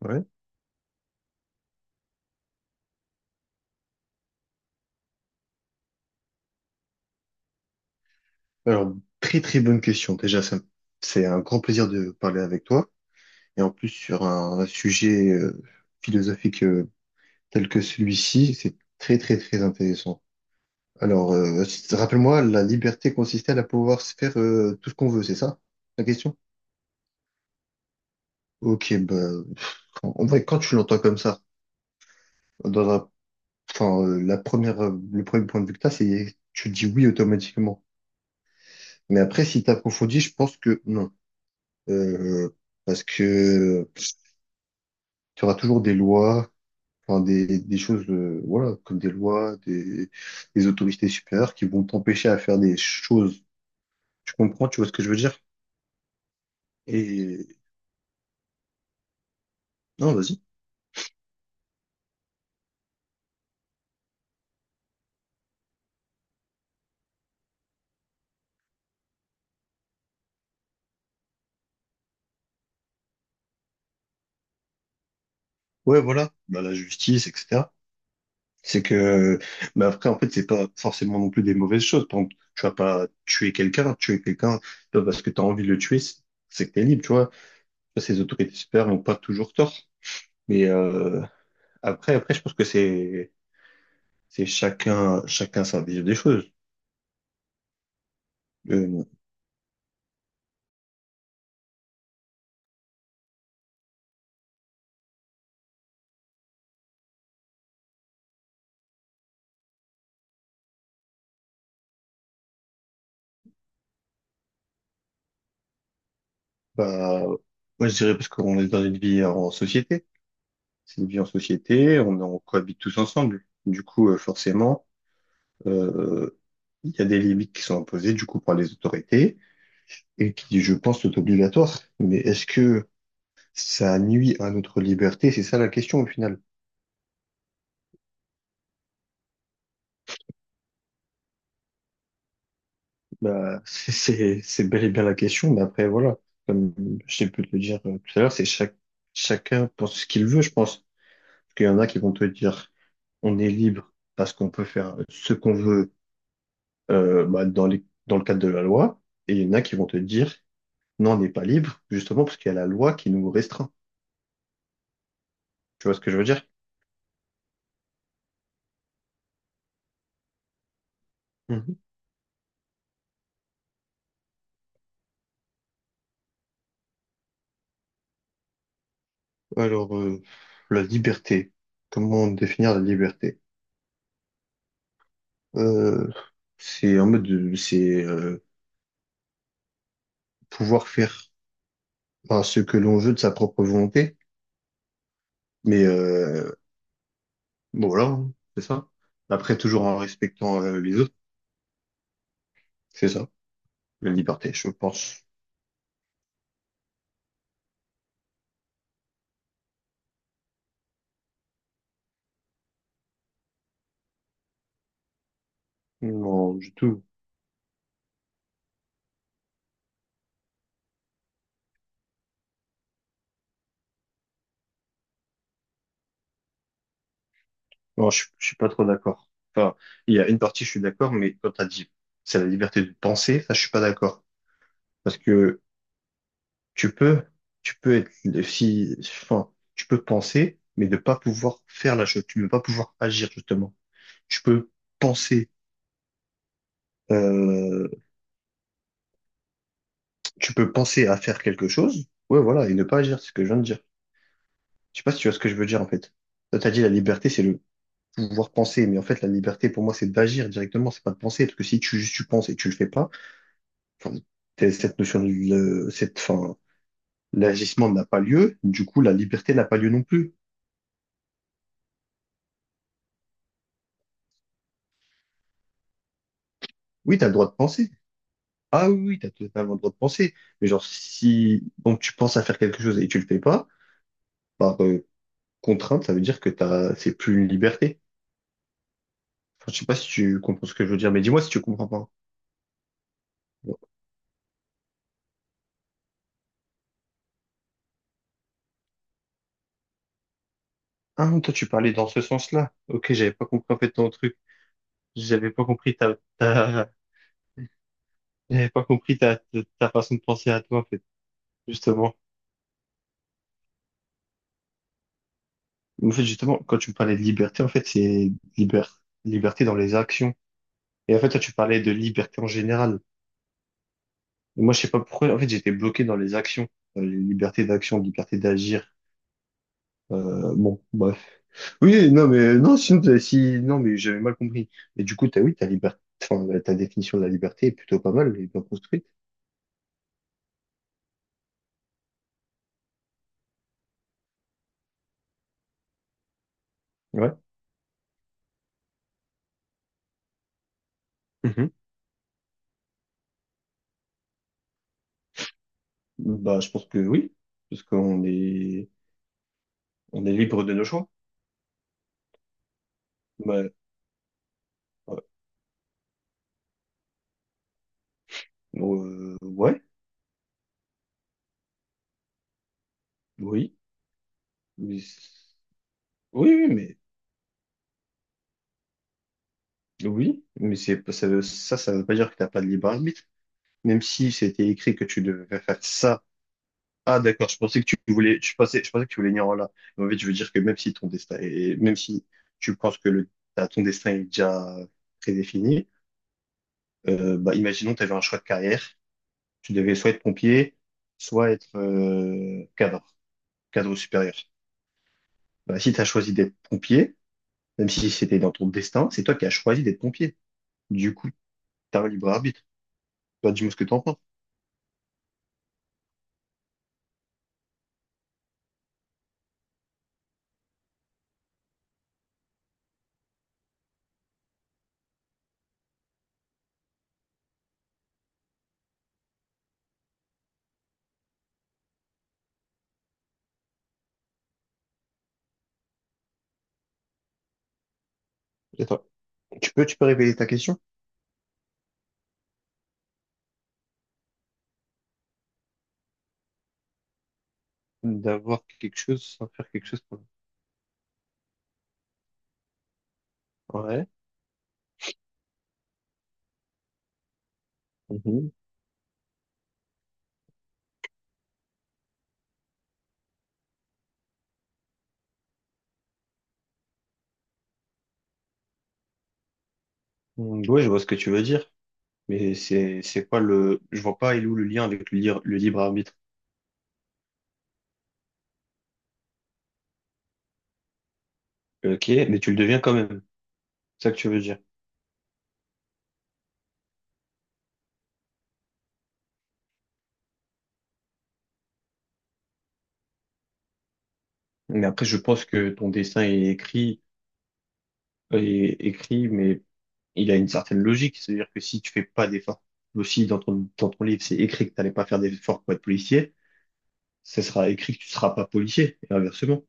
Ouais. Alors, très très bonne question. Déjà, c'est un grand plaisir de parler avec toi. Et en plus, sur un sujet philosophique tel que celui-ci, c'est très très très intéressant. Alors, rappelle-moi, la liberté consistait à pouvoir se faire tout ce qu'on veut, c'est ça la question? Ok, bah, en vrai, quand tu l'entends comme ça, dans un, enfin, le premier point de vue que t'as, c'est tu dis oui automatiquement. Mais après, si t'approfondis, je pense que non. Euh, Parce que tu auras toujours des lois, enfin des choses, voilà, comme des lois, des autorités supérieures qui vont t'empêcher à faire des choses. Tu comprends, tu vois ce que je veux dire? Et non, vas-y. Ouais, voilà, bah, la justice, etc. C'est que, mais après, en fait, c'est pas forcément non plus des mauvaises choses. Par exemple, tu vas pas tuer quelqu'un, pas parce que tu as envie de le tuer, c'est que t'es libre, tu vois. Ces autorités supérieures n'ont pas toujours tort. Mais après, je pense que c'est chacun sa vision des choses. Euh, Bah, moi, je dirais parce qu'on est dans une vie en société. C'est une vie en société, on cohabite tous ensemble. Du coup, forcément, euh, il y a des limites qui sont imposées, du coup, par les autorités et qui, je pense, sont obligatoires. Mais est-ce que ça nuit à notre liberté? C'est ça la question, au final. Bah, c'est bel et bien la question, mais après, voilà. Comme je t'ai pu te le dire tout à l'heure, c'est chacun pense ce qu'il veut, je pense. Parce qu'il y en a qui vont te dire, on est libre parce qu'on peut faire ce qu'on veut bah, dans le cadre de la loi, et il y en a qui vont te dire, non, on n'est pas libre, justement parce qu'il y a la loi qui nous restreint. Tu vois ce que je veux dire? Mhm. Alors, la liberté. Comment définir la liberté? Euh, c'est en mode, c'est pouvoir faire enfin, ce que l'on veut de sa propre volonté, mais bon, voilà, hein, c'est ça. Après, toujours en respectant les autres, c'est ça, la liberté, je pense. Non, du tout. Non, je suis pas trop d'accord. Enfin, il y a une partie, je suis d'accord, mais quand t'as dit c'est la liberté de penser, ça, je suis pas d'accord. Parce que tu peux, tu peux être, si, enfin, tu peux penser, mais ne pas pouvoir faire la chose. Tu ne peux pas pouvoir agir, justement. Tu peux penser, euh, tu peux penser à faire quelque chose. Ouais, voilà, et ne pas agir, c'est ce que je viens de dire. Je sais pas si tu vois ce que je veux dire, en fait. Toi, t'as dit la liberté, c'est le pouvoir penser, mais en fait, la liberté, pour moi, c'est d'agir directement, c'est pas de penser. Parce que si tu penses et tu le fais pas, enfin, cette notion de, cette, enfin, l'agissement n'a pas lieu, du coup, la liberté n'a pas lieu non plus. Oui, t'as le droit de penser. Ah oui, oui, t'as totalement le droit de penser. Mais genre, si, donc tu penses à faire quelque chose et tu le fais pas, par contrainte, ça veut dire que c'est plus une liberté. Enfin, je sais pas si tu comprends ce que je veux dire, mais dis-moi si tu comprends pas. Ah, toi, tu parlais dans ce sens-là. Ok, j'avais pas compris en fait ton truc. J'avais pas compris ta, ta, j'avais pas compris ta façon de penser à toi, en fait, justement. En fait, justement, quand tu me parlais de liberté, en fait, c'est liber- liberté dans les actions. Et en fait, toi, tu parlais de liberté en général. Et moi, je sais pas pourquoi, en fait, j'étais bloqué dans les actions. Liberté d'action, liberté d'agir. Bon, bref. Oui, non, mais non, sinon, si, non, mais j'avais mal compris. Mais du coup, oui, ta liberté, enfin, ta définition de la liberté est plutôt pas mal et bien construite. Ouais. Mhm. Bah, je pense que oui, parce qu'on est libre de nos choix. Bah, ouais, ouais, oui. Mais- c- oui, oui, mais oui, mais c'est pas- ça veut pas dire que t'as pas de libre arbitre. Même si c'était écrit que tu devais faire ça. Ah, d'accord, je pensais que tu voulais venir en là. Mais en fait, je veux dire que même si ton destin est, même si tu penses ton destin est déjà prédéfini, bah, imaginons que tu avais un choix de carrière. Tu devais soit être pompier, soit être, cadre supérieur. Bah, si tu as choisi d'être pompier, même si c'était dans ton destin, c'est toi qui as choisi d'être pompier. Du coup, t'as un libre arbitre. Bah, dis-moi ce que t'en penses. Tu peux révéler ta question? D'avoir quelque chose sans faire quelque chose pour. Ouais. Mhm. Mm, oui, je vois ce que tu veux dire, mais c'est quoi le. Je vois pas, il est où le lien avec le libre arbitre. Ok, mais tu le deviens quand même, c'est ça que tu veux dire. Mais après, je pense que ton dessin est écrit, mais il a une certaine logique, c'est-à-dire que si tu fais pas d'efforts, aussi dans ton livre, c'est écrit que t'allais pas faire d'efforts pour être policier, ça sera écrit que tu seras pas policier, et inversement.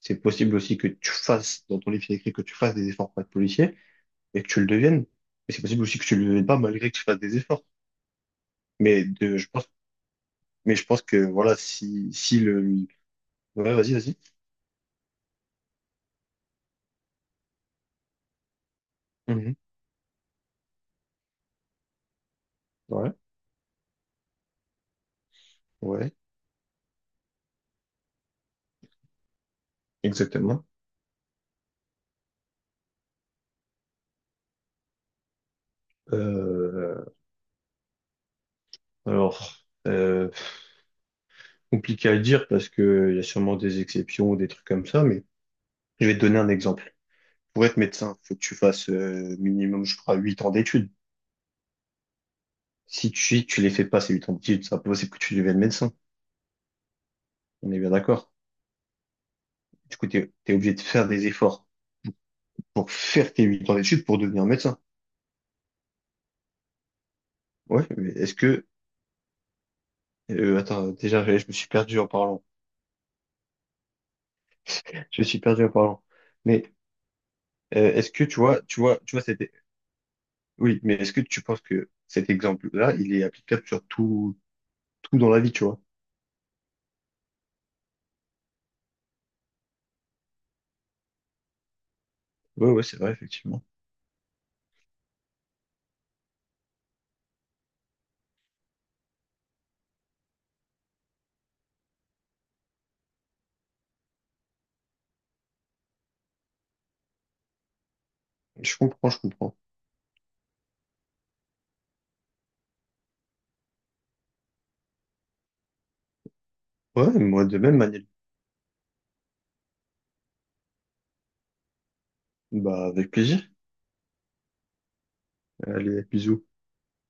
C'est possible aussi que tu fasses, dans ton livre, il y a écrit que tu fasses des efforts pour être policier et que tu le deviennes. Mais c'est possible aussi que tu le deviennes pas malgré que tu fasses des efforts. Mais de, je pense, mais je pense que, voilà, si, si le, ouais, vas-y, vas-y. Mhm. Ouais, ouais, exactement. Euh, alors, euh, compliqué à dire parce que il y a sûrement des exceptions ou des trucs comme ça, mais je vais te donner un exemple. Pour être médecin, faut que tu fasses, minimum, je crois, 8 ans d'études. Si tu les fais pas, ces 8 ans d'études, c'est impossible que tu deviennes médecin. On est bien d'accord. Du coup, t'es obligé de faire des efforts pour faire tes 8 ans d'études pour devenir médecin. Ouais, mais attends, déjà, je me suis perdu en parlant. Je me suis perdu en parlant. Mais, est-ce que tu vois, oui, mais est-ce que tu penses que cet exemple-là, il est applicable sur tout dans la vie, tu vois? Ouais, ouais, c'est vrai, effectivement. Je comprends, je comprends. Ouais, moi, de même, Manil. Bah, avec plaisir. Allez, bisous.